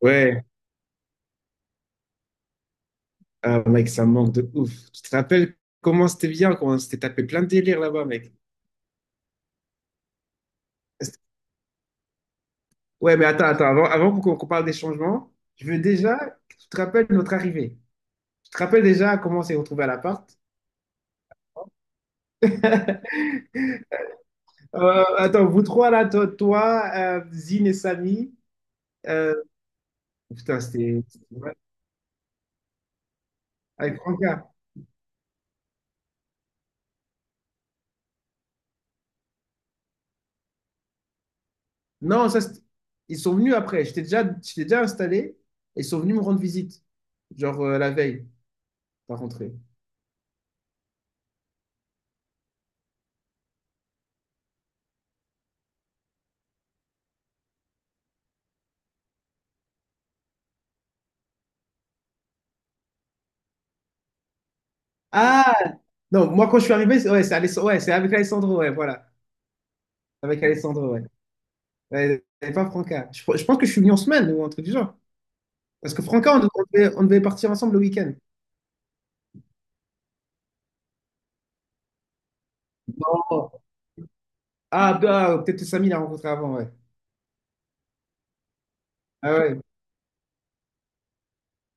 Ouais, ah, mec, ça me manque de ouf. Tu te rappelles comment c'était bien, comment on s'était tapé plein de délires là-bas, mec. Ouais, mais attends, avant qu'on parle des changements, je veux déjà que tu te rappelles notre arrivée. Tu te rappelles déjà comment on s'est retrouvés à l'appart? Attends, vous trois là, toi, Zine et Samy. euh, Putain, avec Franca. Non, ils sont venus après. J'étais déjà installé et ils sont venus me rendre visite, genre la veille, pas rentré. Ah! Non, moi, quand je suis arrivé, c'est ouais, c'est ouais, c'est avec Alessandro, ouais, voilà. Avec Alessandro, ouais. Ouais, et pas Franca. Je pense que je suis venu en semaine ou un truc du genre. Parce que Franca, on devait partir ensemble le week-end. Non. Ah, bah, peut-être que Samy l'a rencontré avant, ouais. Ah ouais,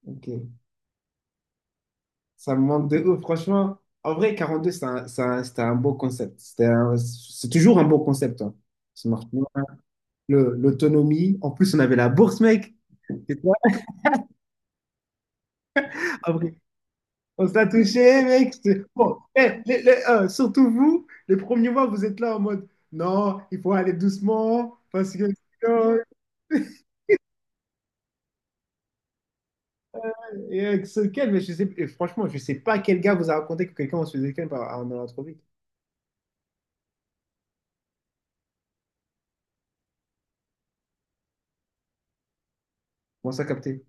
ok. Ça me manque de ouf, franchement. En vrai, 42, c'était un beau concept. C'est toujours un beau concept, hein. Smart. L'autonomie. En plus, on avait la bourse, mec. C'est ça. On se l'a touché, mec. Bon, eh, surtout vous, les premiers mois, vous êtes là en mode, non, il faut aller doucement, parce que sinon, et avec ce calme, mais je sais, et franchement, je sais pas quel gars vous a raconté que quelqu'un se faisait calme en allant trop vite. Comment ça capter?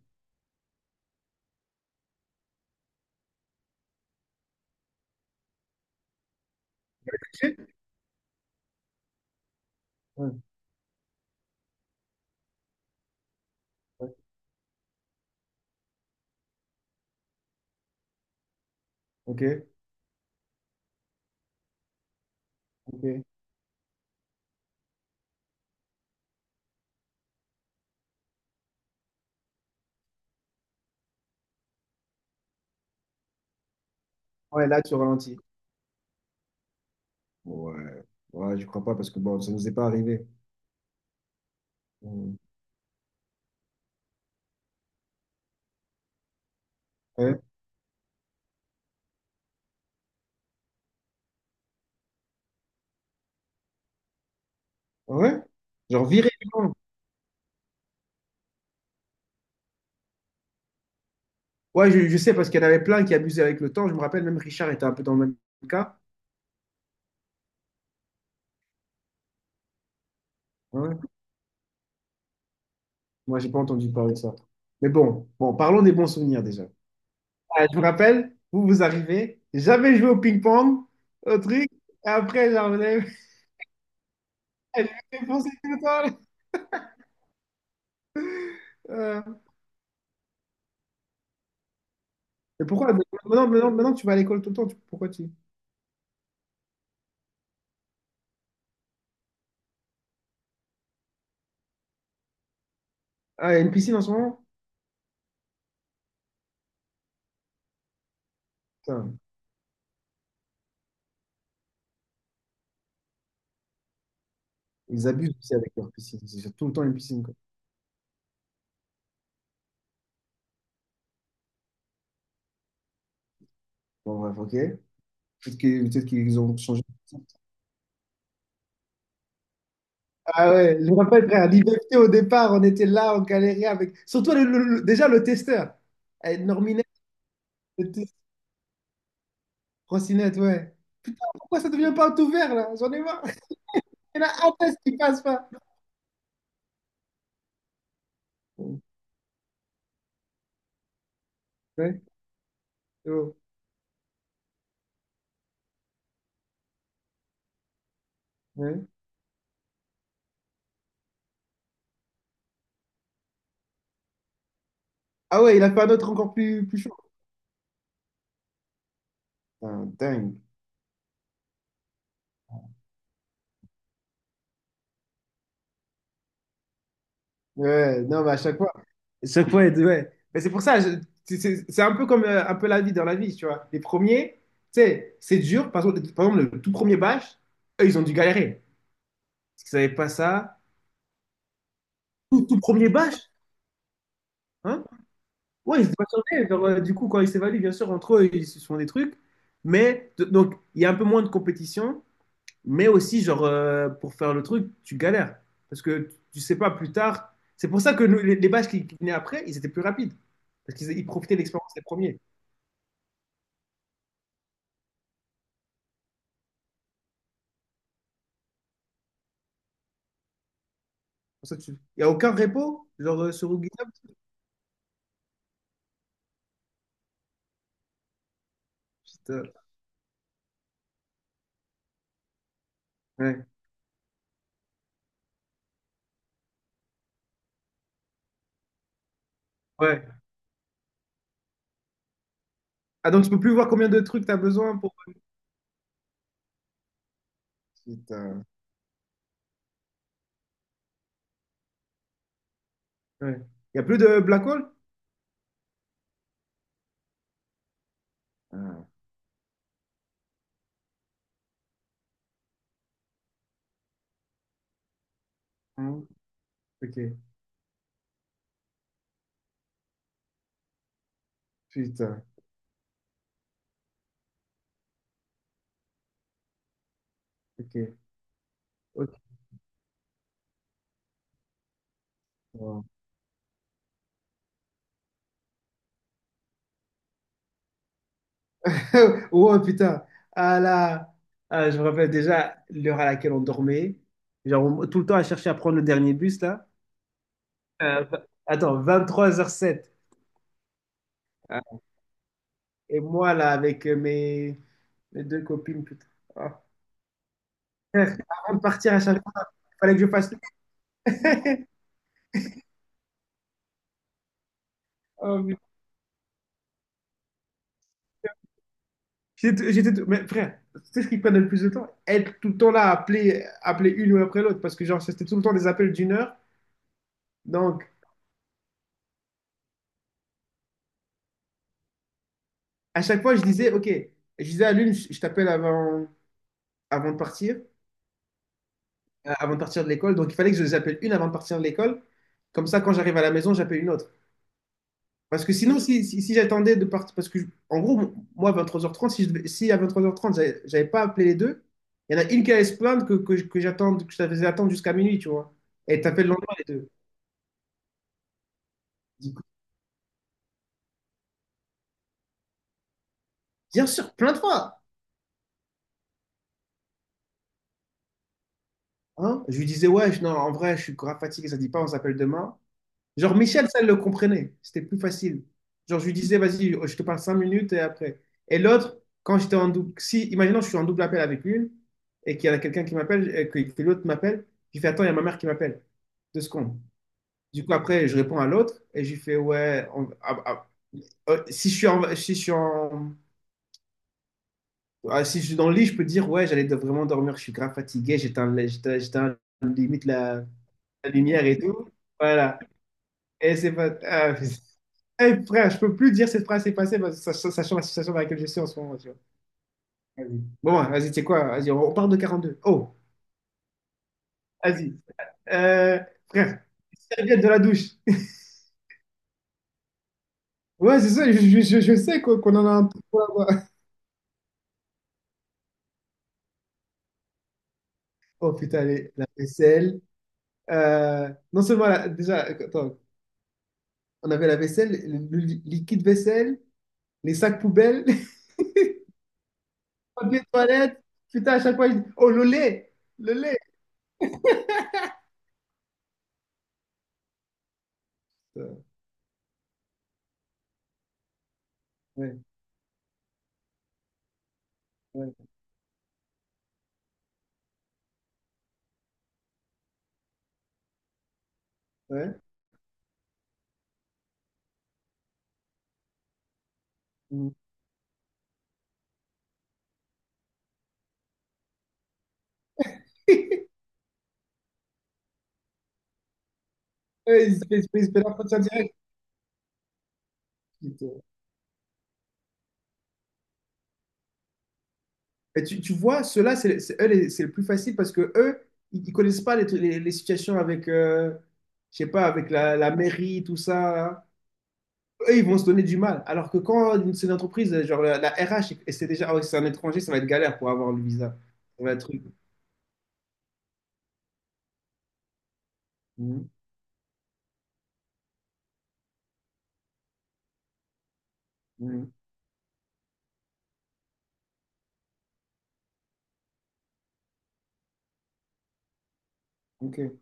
Ouais, ouais. Ok, ok. Ouais, là, tu ralentis. Ouais, ouais, je crois pas parce que bon, ça nous est pas arrivé. Mm. Ouais, ouais. Genre virer du camp. Ouais, je sais parce qu'il y en avait plein qui abusaient avec le temps. Je me rappelle, même Richard était un peu dans le même cas. Ouais. Moi, j'ai pas entendu parler de ça. Mais bon, parlons des bons souvenirs déjà. Ah, je vous rappelle, vous vous arrivez, j'avais joué au ping-pong, au truc, et après, genre, elle m'a défoncé tout le temps. Euh, mais pourquoi? Maintenant, tu vas à l'école tout le temps. Pourquoi tu... Ah, il y a une piscine en ce moment? Putain, ils abusent aussi avec leur piscine. C'est tout le temps une piscine, quoi. Bon, bref, ok. Peut-être peut-être qu'ils ont changé. Ah ouais, je me rappelle, frère, l'IVFT, au départ, on était là, on galérait avec... Surtout déjà le testeur. Eh, Norminet, Trottinette, ouais. Pourquoi ça devient pas tout vert, là? J'en ai marre. Il y en a un test qui passe pas. Ouais, c'est bon. Ouais. Ah ouais, il a fait un autre encore plus, plus chaud. Putain, dingue. Ouais, non, mais à chaque fois. À chaque fois, ouais. Mais c'est pour ça, c'est un peu comme un peu la vie dans la vie, tu vois. Les premiers, tu sais, c'est dur. Par exemple, le tout premier bâche, eux, ils ont dû galérer. Parce qu'ils savaient pas ça. Tout, tout premier bâche, hein? Ouais, ils se bachaient. Genre, du coup, quand ils s'évaluent, bien sûr, entre eux, ils se font des trucs. Mais, donc, il y a un peu moins de compétition. Mais aussi, genre, pour faire le truc, tu galères. Parce que tu sais pas plus tard. C'est pour ça que nous, les batchs qui venaient après, ils étaient plus rapides. Parce qu'ils profitaient de l'expérience des premiers. Pour ça, tu... Il n'y a aucun repo, genre, sur GitHub. Putain. Ouais. Ouais. Ah, donc tu peux plus voir combien de trucs tu as besoin pour. Putain. Ouais. Il n'y a plus de black hole? Ah. Hein. Ok. Putain. Ok. Ok. Wow. Oh putain, à la... ah, je me rappelle déjà l'heure à laquelle on dormait. Genre, tout le temps à chercher à prendre le dernier bus, là. Euh, v- attends, 23h07. Et moi, là, avec mes deux copines, putain. Ah. Frère, avant de partir à chaque fois, il fallait que je fasse. Oh, putain. Mais frère, tu sais ce qui prenait le plus de temps? Être tout le temps là, à appeler une ou après l'autre. Parce que, genre, c'était tout le temps des appels d'une heure. Donc, à chaque fois, je disais, OK, je disais à l'une, je t'appelle avant. avant de partir, avant de partir de l'école. Donc, il fallait que je les appelle une avant de partir de l'école. Comme ça, quand j'arrive à la maison, j'appelle une autre. Parce que sinon, si j'attendais de partir, parce que, en gros, moi, à 23h30, si, si à 23h30, j'avais pas appelé les deux, il y en a une qui allait se plaindre que j'attende, que je la faisais attendre jusqu'à minuit, tu vois. Et elle t'appelle le lendemain, les deux. Je dis, bien sûr, plains-toi. Hein? Je lui disais, ouais, non, en vrai, je suis grave fatigué, ça dit pas, on s'appelle demain. Genre, Michel, ça, elle le comprenait. C'était plus facile. Genre, je lui disais, vas-y, oh, je te parle cinq minutes et après. Et l'autre, quand j'étais en double, si, imaginons, je suis en double appel avec une et qu'il y en a quelqu'un qui m'appelle et que l'autre m'appelle, j'ai fait attends, il y a ma mère qui m'appelle. Deux secondes. Du coup, après, je réponds à l'autre et j'ai fait ouais, ah, ah, si je suis en, si je suis en, ah, si je suis dans le lit, je peux dire, ouais, vraiment dormir, je suis grave fatigué, j'éteins limite la lumière et tout. Voilà. Et c'est pas. Ah, putain. Eh, frère, je peux plus dire cette phrase est passée, parce que sachant la situation dans laquelle je suis en ce moment, tu vois. Vas-y. Bon, ouais, vas-y, tu sais quoi? Vas-y, on parle de 42. Oh, vas-y. Euh, frère, serviette de la douche. Ouais, c'est ça, je sais qu'on en a un peu là-bas. Oh putain, la vaisselle. Non seulement, déjà, attends, on avait la vaisselle, le liquide vaisselle, les sacs poubelles, les toilette. Putain, à chaque fois, je dis, oh, le lait, le lait. Euh, Ouais, ouais, ouais. Mm. Ouais, ils se fait l'entretien direct. Et tu vois, ceux-là, eux, c'est le plus facile parce que eux, ils connaissent pas les situations avec, je sais pas, avec la mairie, tout ça. Eux, ils vont se donner du mal. Alors que quand c'est une entreprise, genre la RH, et c'est déjà, ah ouais, c'est un étranger, ça va être galère pour avoir le visa. Ça va être truc. Mhm, mhm, ok.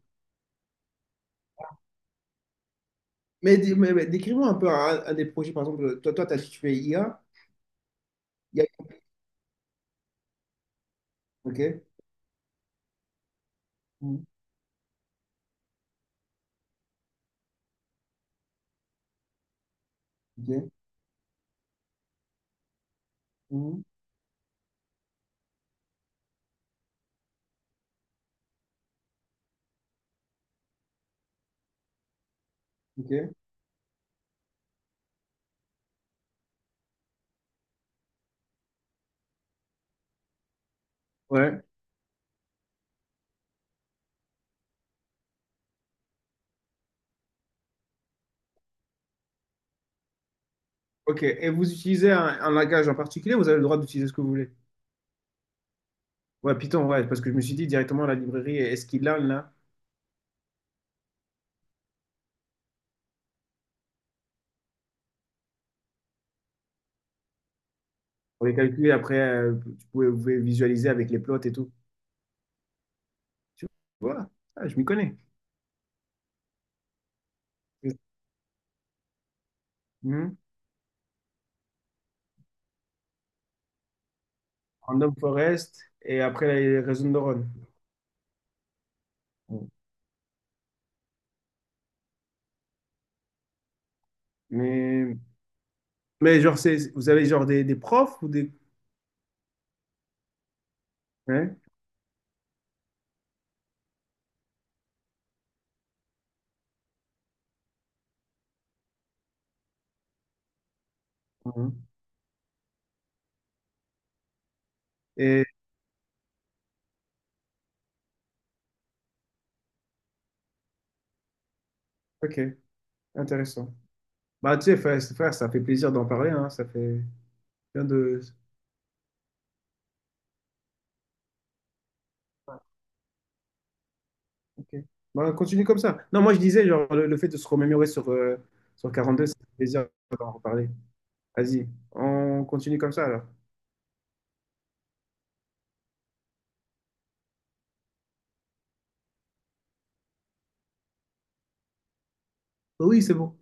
Mais, décris-moi un peu un des projets, par exemple, toi, t'as dit que tu fais IA. IA, ok. Mhm, ok. Mhm, ok. Ouais. Ok, et vous utilisez un langage en particulier, vous avez le droit d'utiliser ce que vous voulez. Ouais, Python, ouais, parce que je me suis dit directement la librairie, est-ce qu'il a là? Pour les calculs, après, vous pouvez visualiser avec les plots et tout. Tu vois, ah, je m'y connais. Mhm. Random forest et après les réseaux de neurones. Mais, mais, genre, c'est, vous avez genre des profs ou des. Ouais. Mhm. Et, ok, intéressant. Bah, tu sais, frère, frère, ça fait plaisir d'en parler, hein, ça fait bien de. Ok. Bah, continue comme ça. Non, moi je disais, genre, le fait de se remémorer sur, sur 42, c'est un plaisir d'en reparler. Vas-y, on continue comme ça alors. Oui, c'est bon.